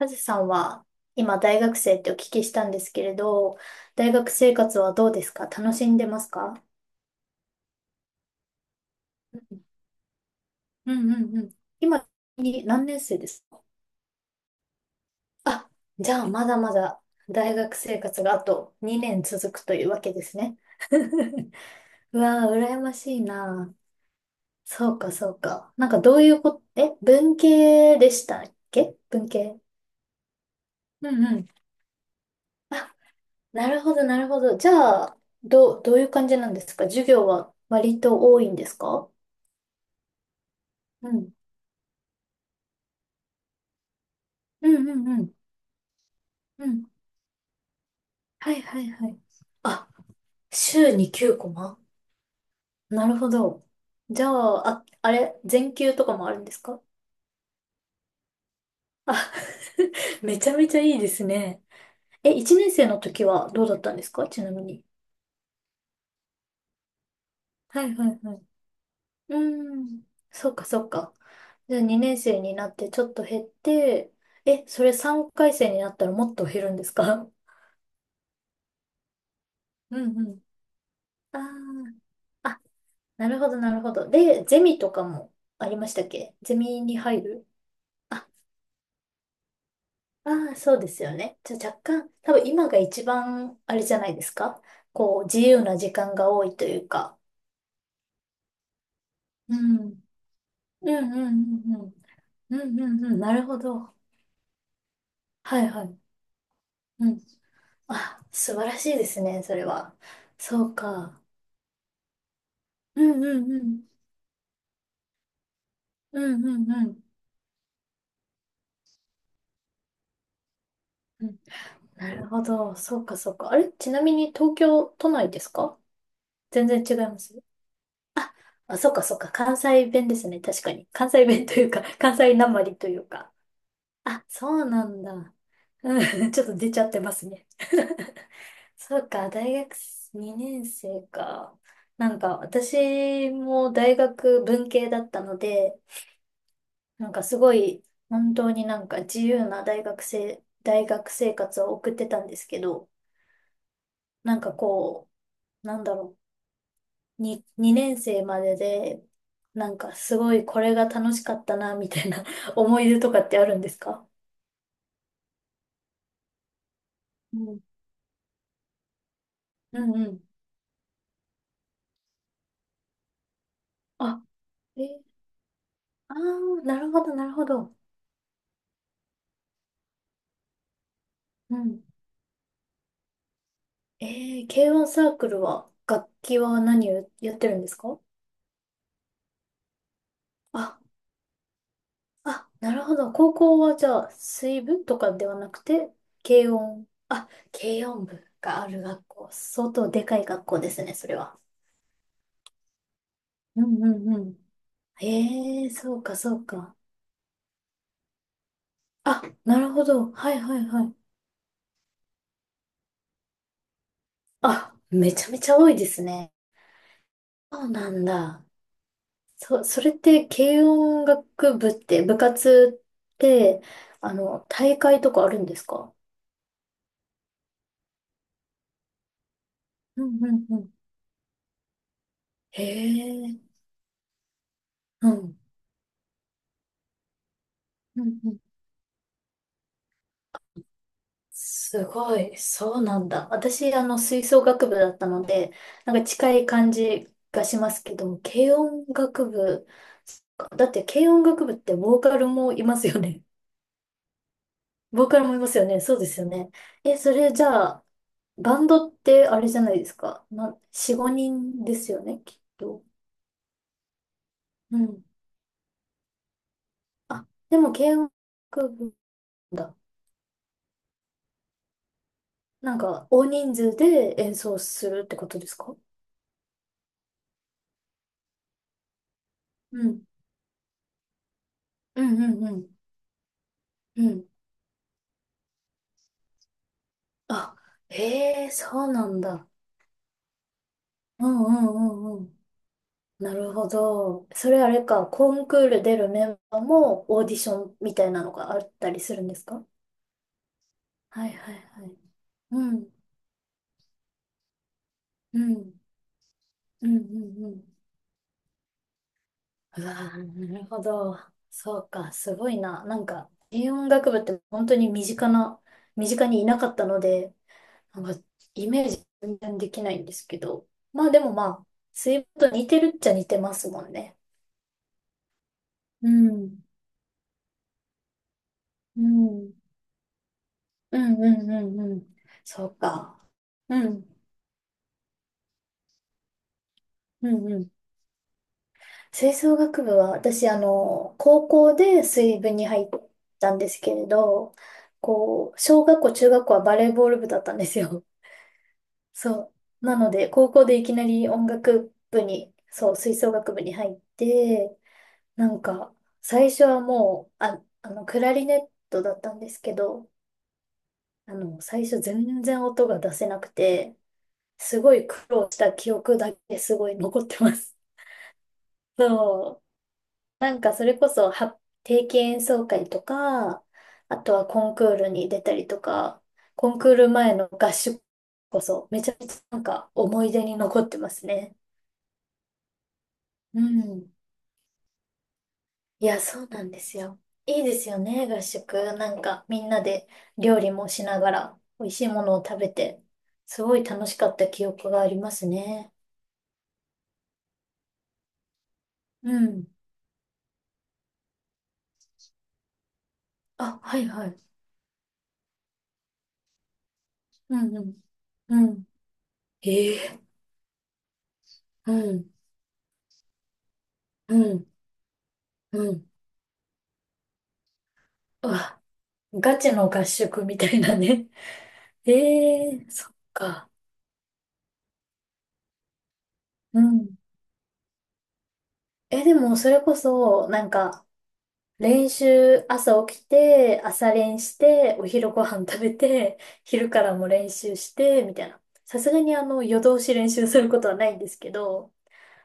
カズさんは今大学生ってお聞きしたんですけれど、大学生活はどうですか？楽しんでますか？うんうんうんうん。今に何年生ですか？あ、じゃあまだまだ大学生活があと2年続くというわけですね。うわー、羨ましいな。そうかそうか。なんかどういうこと、文系でしたっけ文系。うんうん。あ、なるほど、なるほど。じゃあ、どういう感じなんですか？授業は割と多いんですか？うん。うんうんうん。うん。はいはいはい。あ、週に9コマ。なるほど。じゃあ、あ、あれ、全休とかもあるんですか？あ、めちゃめちゃいいですね。1年生の時はどうだったんですか？ちなみに。はいはいはい。うん。そっかそっか。じゃあ2年生になってちょっと減って、それ3回生になったらもっと減るんですか？ うんうん。ああ、あ、なるほどなるほど。で、ゼミとかもありましたっけ？ゼミに入る？あ、あーそうですよね。じゃあ若干、多分今が一番あれじゃないですか？こう、自由な時間が多いというか。うん。うんうんうんうん。うんうんうん。なるほど。はいはい。うん。あ、素晴らしいですね、それは。そうか。うんうんうん。うんうんうん。うん、なるほど。そうか、そうか。あれ、ちなみに東京都内ですか？全然違います。あ、そうか、そうか。関西弁ですね。確かに。関西弁というか、関西なまりというか。あ、そうなんだ。うん、ちょっと出ちゃってますね。そうか、大学2年生か。なんか、私も大学文系だったので、なんかすごい、本当になんか自由な大学生活を送ってたんですけど、なんかこう、なんだろう、2年生までで、なんかすごいこれが楽しかったな、みたいな 思い出とかってあるんですか？うん。うんうん。あ、えー、あー、なるほど、なるほど。うん。え軽音サークルは、楽器は何をやってるんですか？ああ、なるほど。高校はじゃあ、水部とかではなくて、軽音。あ、軽音部がある学校。相当でかい学校ですね、それは。うんうんうん。ええ、そうかそうか。あ、なるほど。はいはいはい。あ、めちゃめちゃ多いですね。そうなんだ。それって、軽音楽部って、部活って、大会とかあるんですか？うんうんうん。へえ、うん。うんうんすごい。そうなんだ。私、吹奏楽部だったので、なんか近い感じがしますけど、も軽音楽部、だって軽音楽部ってボーカルもいますよね。ボーカルもいますよね。そうですよね。それじゃあ、バンドってあれじゃないですか。4、5人ですよね、きっと。うん。あ、でも軽音楽部だ。なんか、大人数で演奏するってことですか？うん。うんうんうん。うん。あ、へえ、そうなんだ。うんうんうんうん。なるほど。それあれか、コンクール出るメンバーもオーディションみたいなのがあったりするんですか？はいはいはい。うん、うん、うん、うん、うん。うわー、なるほど。そうか、すごいな。なんか、軽音楽部って本当に身近にいなかったので、なんか、イメージ全然できないんですけど。まあでもまあ、水分と似てるっちゃ似てますもんね。うん。うん。うんうんうんうん。そうか。うん。うんうん。吹奏楽部は、私、高校で水部に入ったんですけれど、こう、小学校、中学校はバレーボール部だったんですよ。そう。なので、高校でいきなり音楽部に、そう、吹奏楽部に入って、なんか、最初はもう、クラリネットだったんですけど、最初全然音が出せなくて、すごい苦労した記憶だけすごい残ってます。そう。なんかそれこそ、定期演奏会とか、あとはコンクールに出たりとか、コンクール前の合宿こそ、めちゃめちゃなんか思い出に残ってますね。うん。いや、そうなんですよ。いいですよね、合宿。なんかみんなで料理もしながら、美味しいものを食べて、すごい楽しかった記憶がありますね。うん。あ、はいはい。うんうん。うんええうん、うん、うん。うわ、ガチの合宿みたいなね。ええそっか。うん。でも、それこそ、なんか、練習、朝起きて、朝練して、お昼ご飯食べて、昼からも練習して、みたいな。さすがに、夜通し練習することはないんですけど、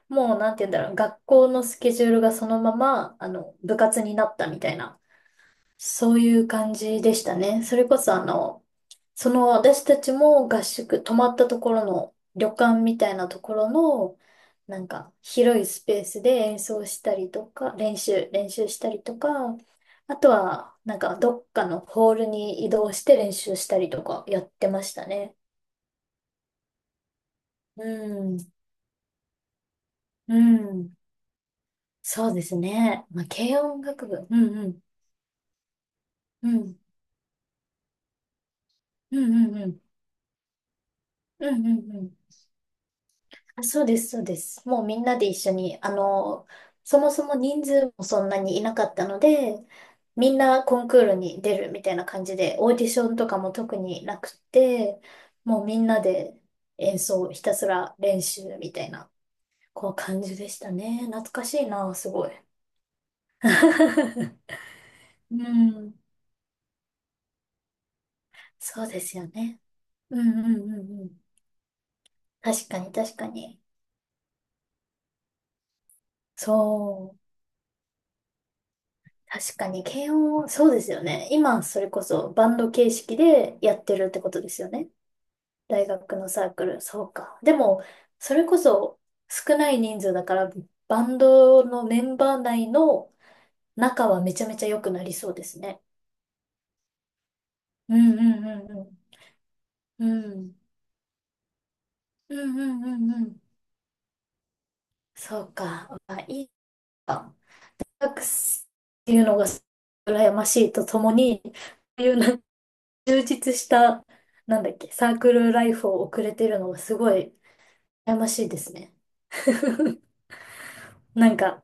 もう、なんて言うんだろう、学校のスケジュールがそのまま、部活になったみたいな、そういう感じでしたね。それこそ、その私たちも合宿、泊まったところの旅館みたいなところの、なんか広いスペースで演奏したりとか、練習したりとか、あとはなんかどっかのホールに移動して練習したりとかやってましたね。うん、うん、そうですね。まあ、軽音楽部。うんうん、うん、うんうんうん、うんうんうん。あ、そうです、そうです。もうみんなで一緒に、そもそも人数もそんなにいなかったので、みんなコンクールに出るみたいな感じで、オーディションとかも特になくて、もうみんなでひたすら練習みたいな、こう感じでしたね。懐かしいな、すごい。うん、そうですよね。うんうんうんうん。確かに、確かに。そう。確かに、軽音、そうですよね。今、それこそバンド形式でやってるってことですよね。大学のサークル、そうか。でも、それこそ少ない人数だから、バンドのメンバー内の仲はめちゃめちゃ良くなりそうですね。うんうんうんうん。うん。うんうんうんうん。そうか。あ、いいか。サックスっていうのが羨ましいとともに、そういう、充実した、なんだっけ、サークルライフを送れてるのがすごい羨ましいですね。なんか、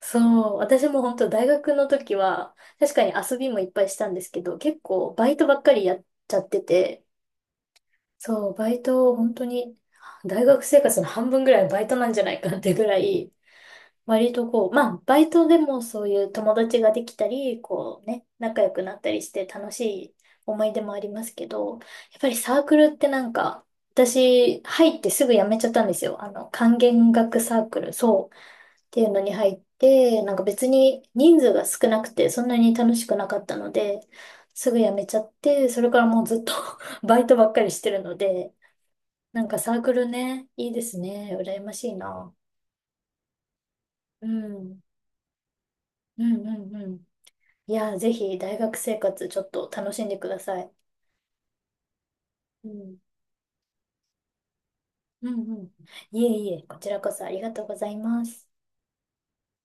そう、私も本当大学の時は、確かに遊びもいっぱいしたんですけど、結構バイトばっかりやっちゃってて、そう、バイトを本当に、大学生活の半分ぐらいはバイトなんじゃないかってぐらい、割とこう、まあ、バイトでもそういう友達ができたり、こうね、仲良くなったりして楽しい思い出もありますけど、やっぱりサークルってなんか、私、入ってすぐ辞めちゃったんですよ。管弦楽サークル、そう、っていうのに入って、なんか別に人数が少なくて、そんなに楽しくなかったので、すぐ辞めちゃって、それからもうずっと バイトばっかりしてるので、なんかサークルね、いいですね。羨ましいな。うん。うんうんうん。いや、ぜひ大学生活ちょっと楽しんでください。うん。うんうん。いえいえ、こちらこそありがとうございます。